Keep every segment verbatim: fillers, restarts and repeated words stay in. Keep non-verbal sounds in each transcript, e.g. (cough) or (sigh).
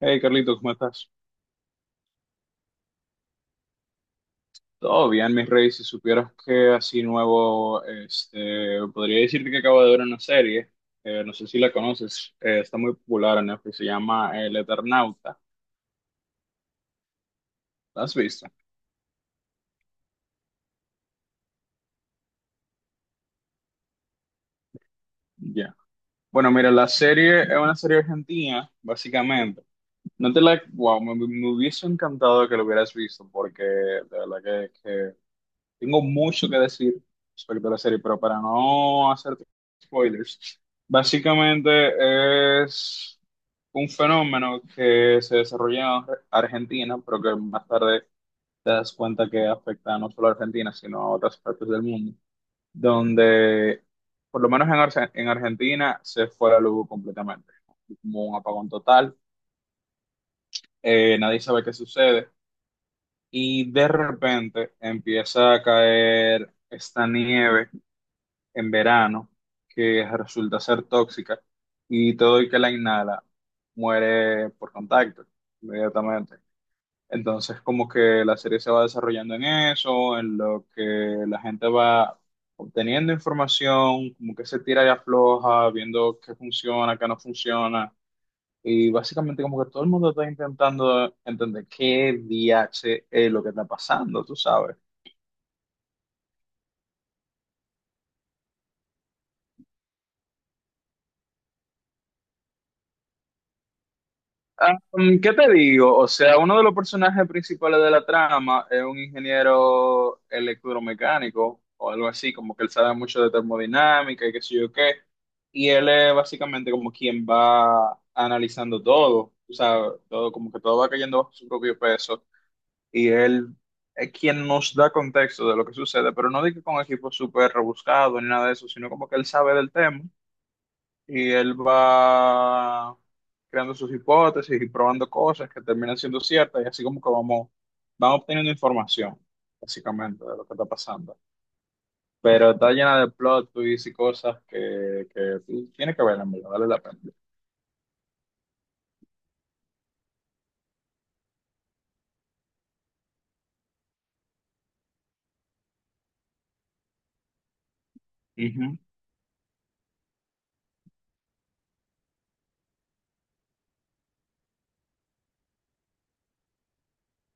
Hey Carlito, ¿cómo estás? Todo bien, mi rey. Si supieras que así nuevo, este, podría decirte que acabo de ver una serie. Eh, no sé si la conoces. Eh, está muy popular en Netflix. Se llama eh, El Eternauta. ¿La has visto? Ya. Bueno, mira, la serie es una serie argentina, básicamente. No te la, wow, me, me hubiese encantado que lo hubieras visto, porque de verdad que tengo mucho que decir respecto a la serie, pero para no hacer spoilers, básicamente es un fenómeno que se desarrolla en Ar- Argentina, pero que más tarde te das cuenta que afecta no solo a Argentina, sino a otras partes del mundo, donde por lo menos en, Arce- en Argentina se fue la luz completamente, como un apagón total. Eh, nadie sabe qué sucede, y de repente empieza a caer esta nieve en verano, que resulta ser tóxica, y todo el que la inhala muere por contacto inmediatamente. Entonces, como que la serie se va desarrollando en eso, en lo que la gente va obteniendo información, como que se tira y afloja, viendo qué funciona, qué no funciona. Y básicamente como que todo el mundo está intentando entender qué D H es lo que está pasando, tú sabes. Ah, mm, ¿qué te digo? O sea, uno de los personajes principales de la trama es un ingeniero electromecánico o algo así, como que él sabe mucho de termodinámica y qué sé yo qué. Y él es básicamente como quien va analizando todo, o sea, todo como que todo va cayendo bajo su propio peso. Y él es quien nos da contexto de lo que sucede, pero no digo con equipos súper rebuscados ni nada de eso, sino como que él sabe del tema, y él va creando sus hipótesis y probando cosas que terminan siendo ciertas, y así como que vamos, van obteniendo información, básicamente, de lo que está pasando. Pero está llena de plot twists y cosas que, que tiene que ver, en verdad, vale la pena. Ujú,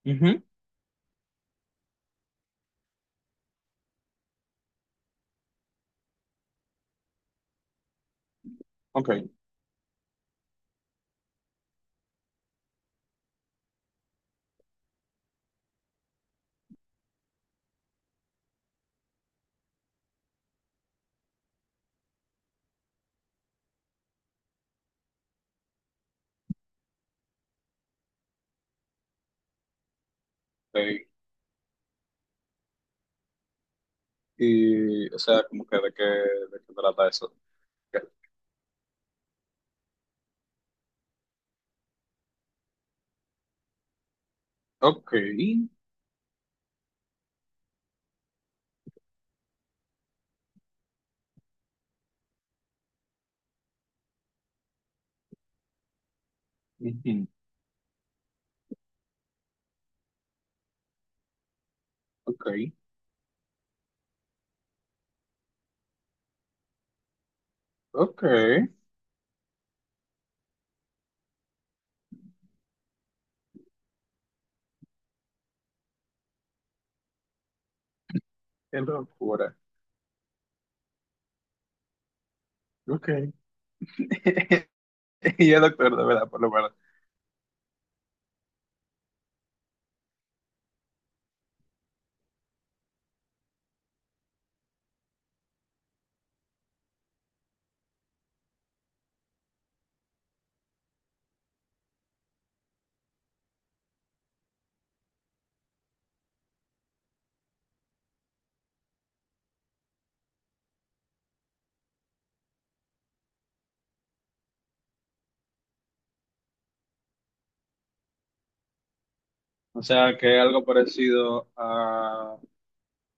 ujú, ok, ok. Y, o sea, como que de qué, de qué trata eso. Ok, ujú, ok, ok. Qué locura. Ok. (laughs) Y el doctor, de verdad, por lo menos. O sea, que es algo parecido a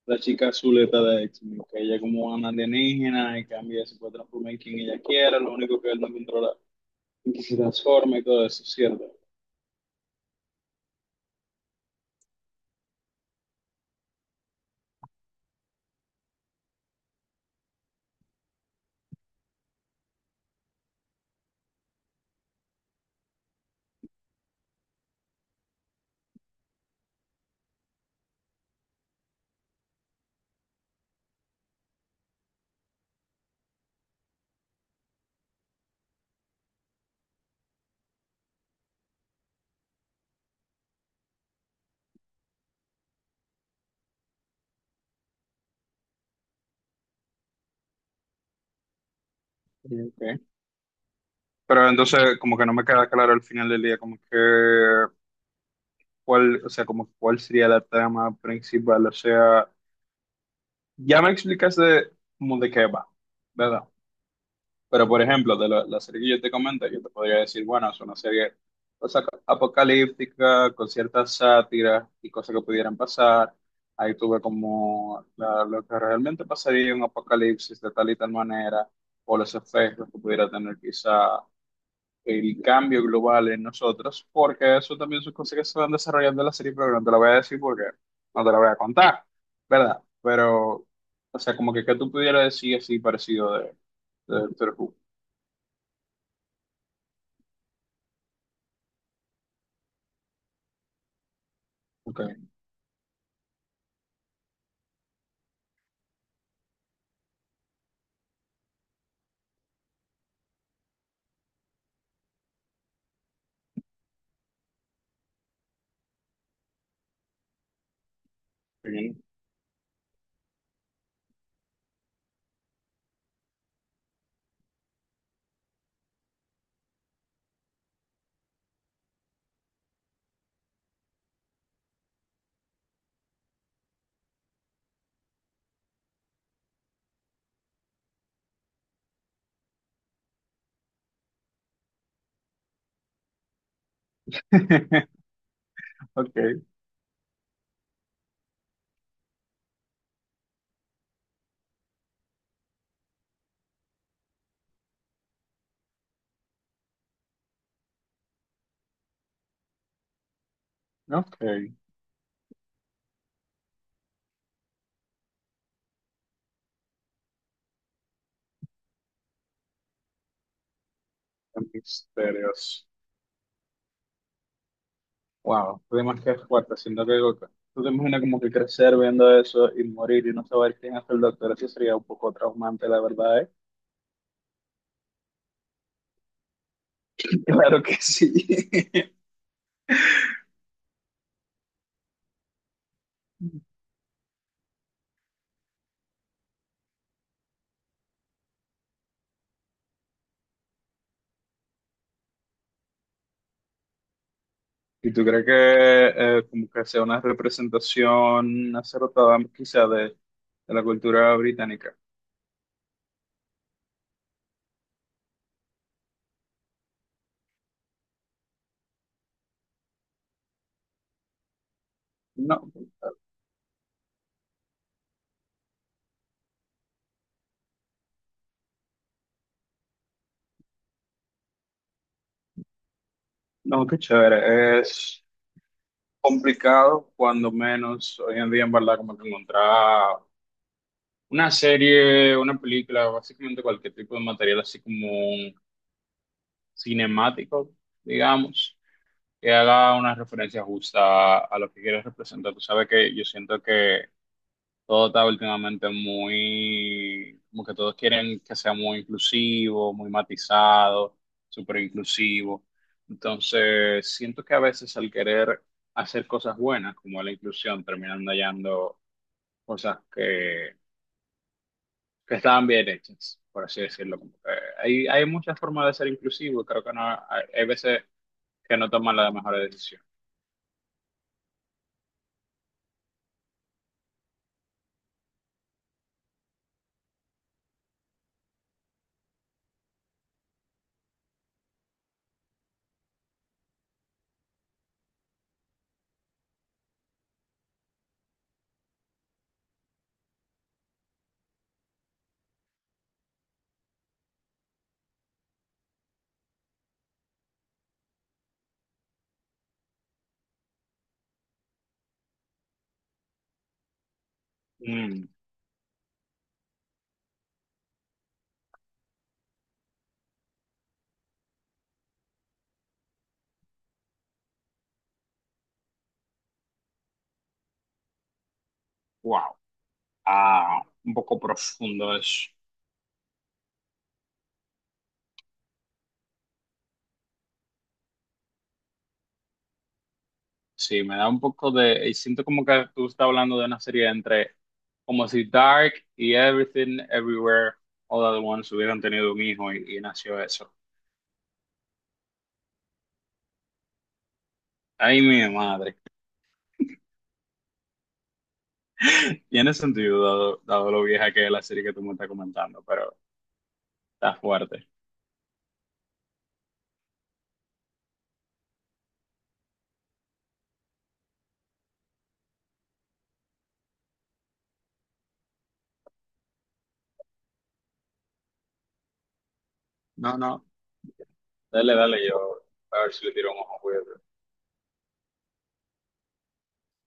la chica azuleta de X-Men, que ella es como una alienígena y cambia, se puede transformar en quien ella quiera, lo único que él no controla es que se transforma y todo eso, ¿cierto? Ok. Pero entonces, como que no me queda claro al final del día, como que, cuál, o sea, como cuál sería la trama principal, o sea, ya me explicaste como de qué va, ¿verdad? Pero, por ejemplo, de la, la serie que yo te comento, yo te podría decir, bueno, es una serie, o sea, apocalíptica, con ciertas sátiras y cosas que pudieran pasar. Ahí tuve como la- lo que realmente pasaría en un apocalipsis de tal y tal manera, o los efectos que pudiera tener quizá el cambio global en nosotros, porque eso también son cosas que se van desarrollando en la serie, pero no te lo voy a decir porque no te lo voy a contar, ¿verdad? Pero, o sea, como que, que tú pudieras decir así parecido de, de Doctor Who. Ok. Sí. (laughs) Ok, no, ok. Misterios. Wow, qué temas que es fuerte, siento que tú te imaginas como que crecer viendo eso y morir y no saber quién es el doctor, eso sería un poco traumante, la verdad, ¿eh? (laughs) Claro que sí. (laughs) ¿Y tú crees que eh, como que sea una representación acertada quizá de, de la cultura británica? No, no, qué chévere. Es complicado, cuando menos hoy en día, en verdad, como que encontrar una serie, una película, básicamente cualquier tipo de material así como un cinemático, digamos, que haga una referencia justa a lo que quieres representar. Tú sabes que yo siento que todo está últimamente muy, como que todos quieren que sea muy inclusivo, muy matizado, súper inclusivo. Entonces, siento que a veces al querer hacer cosas buenas, como la inclusión, terminan hallando cosas que estaban bien hechas, por así decirlo. Como que hay, hay muchas formas de ser inclusivo y creo que no, hay, hay veces que no toman la mejor decisión. Mm, wow. Ah, un poco profundo eso. Sí, me da un poco de... Y siento como que tú estás hablando de una serie entre, como si Dark y Everything Everywhere All at Once hubieran tenido un hijo y, y nació eso. Ay, mi madre. Tiene sentido, dado, dado lo vieja que es la serie que tú me estás comentando, pero está fuerte. No, no, dale, dale, yo a ver si le tiro un ojo, cuídate.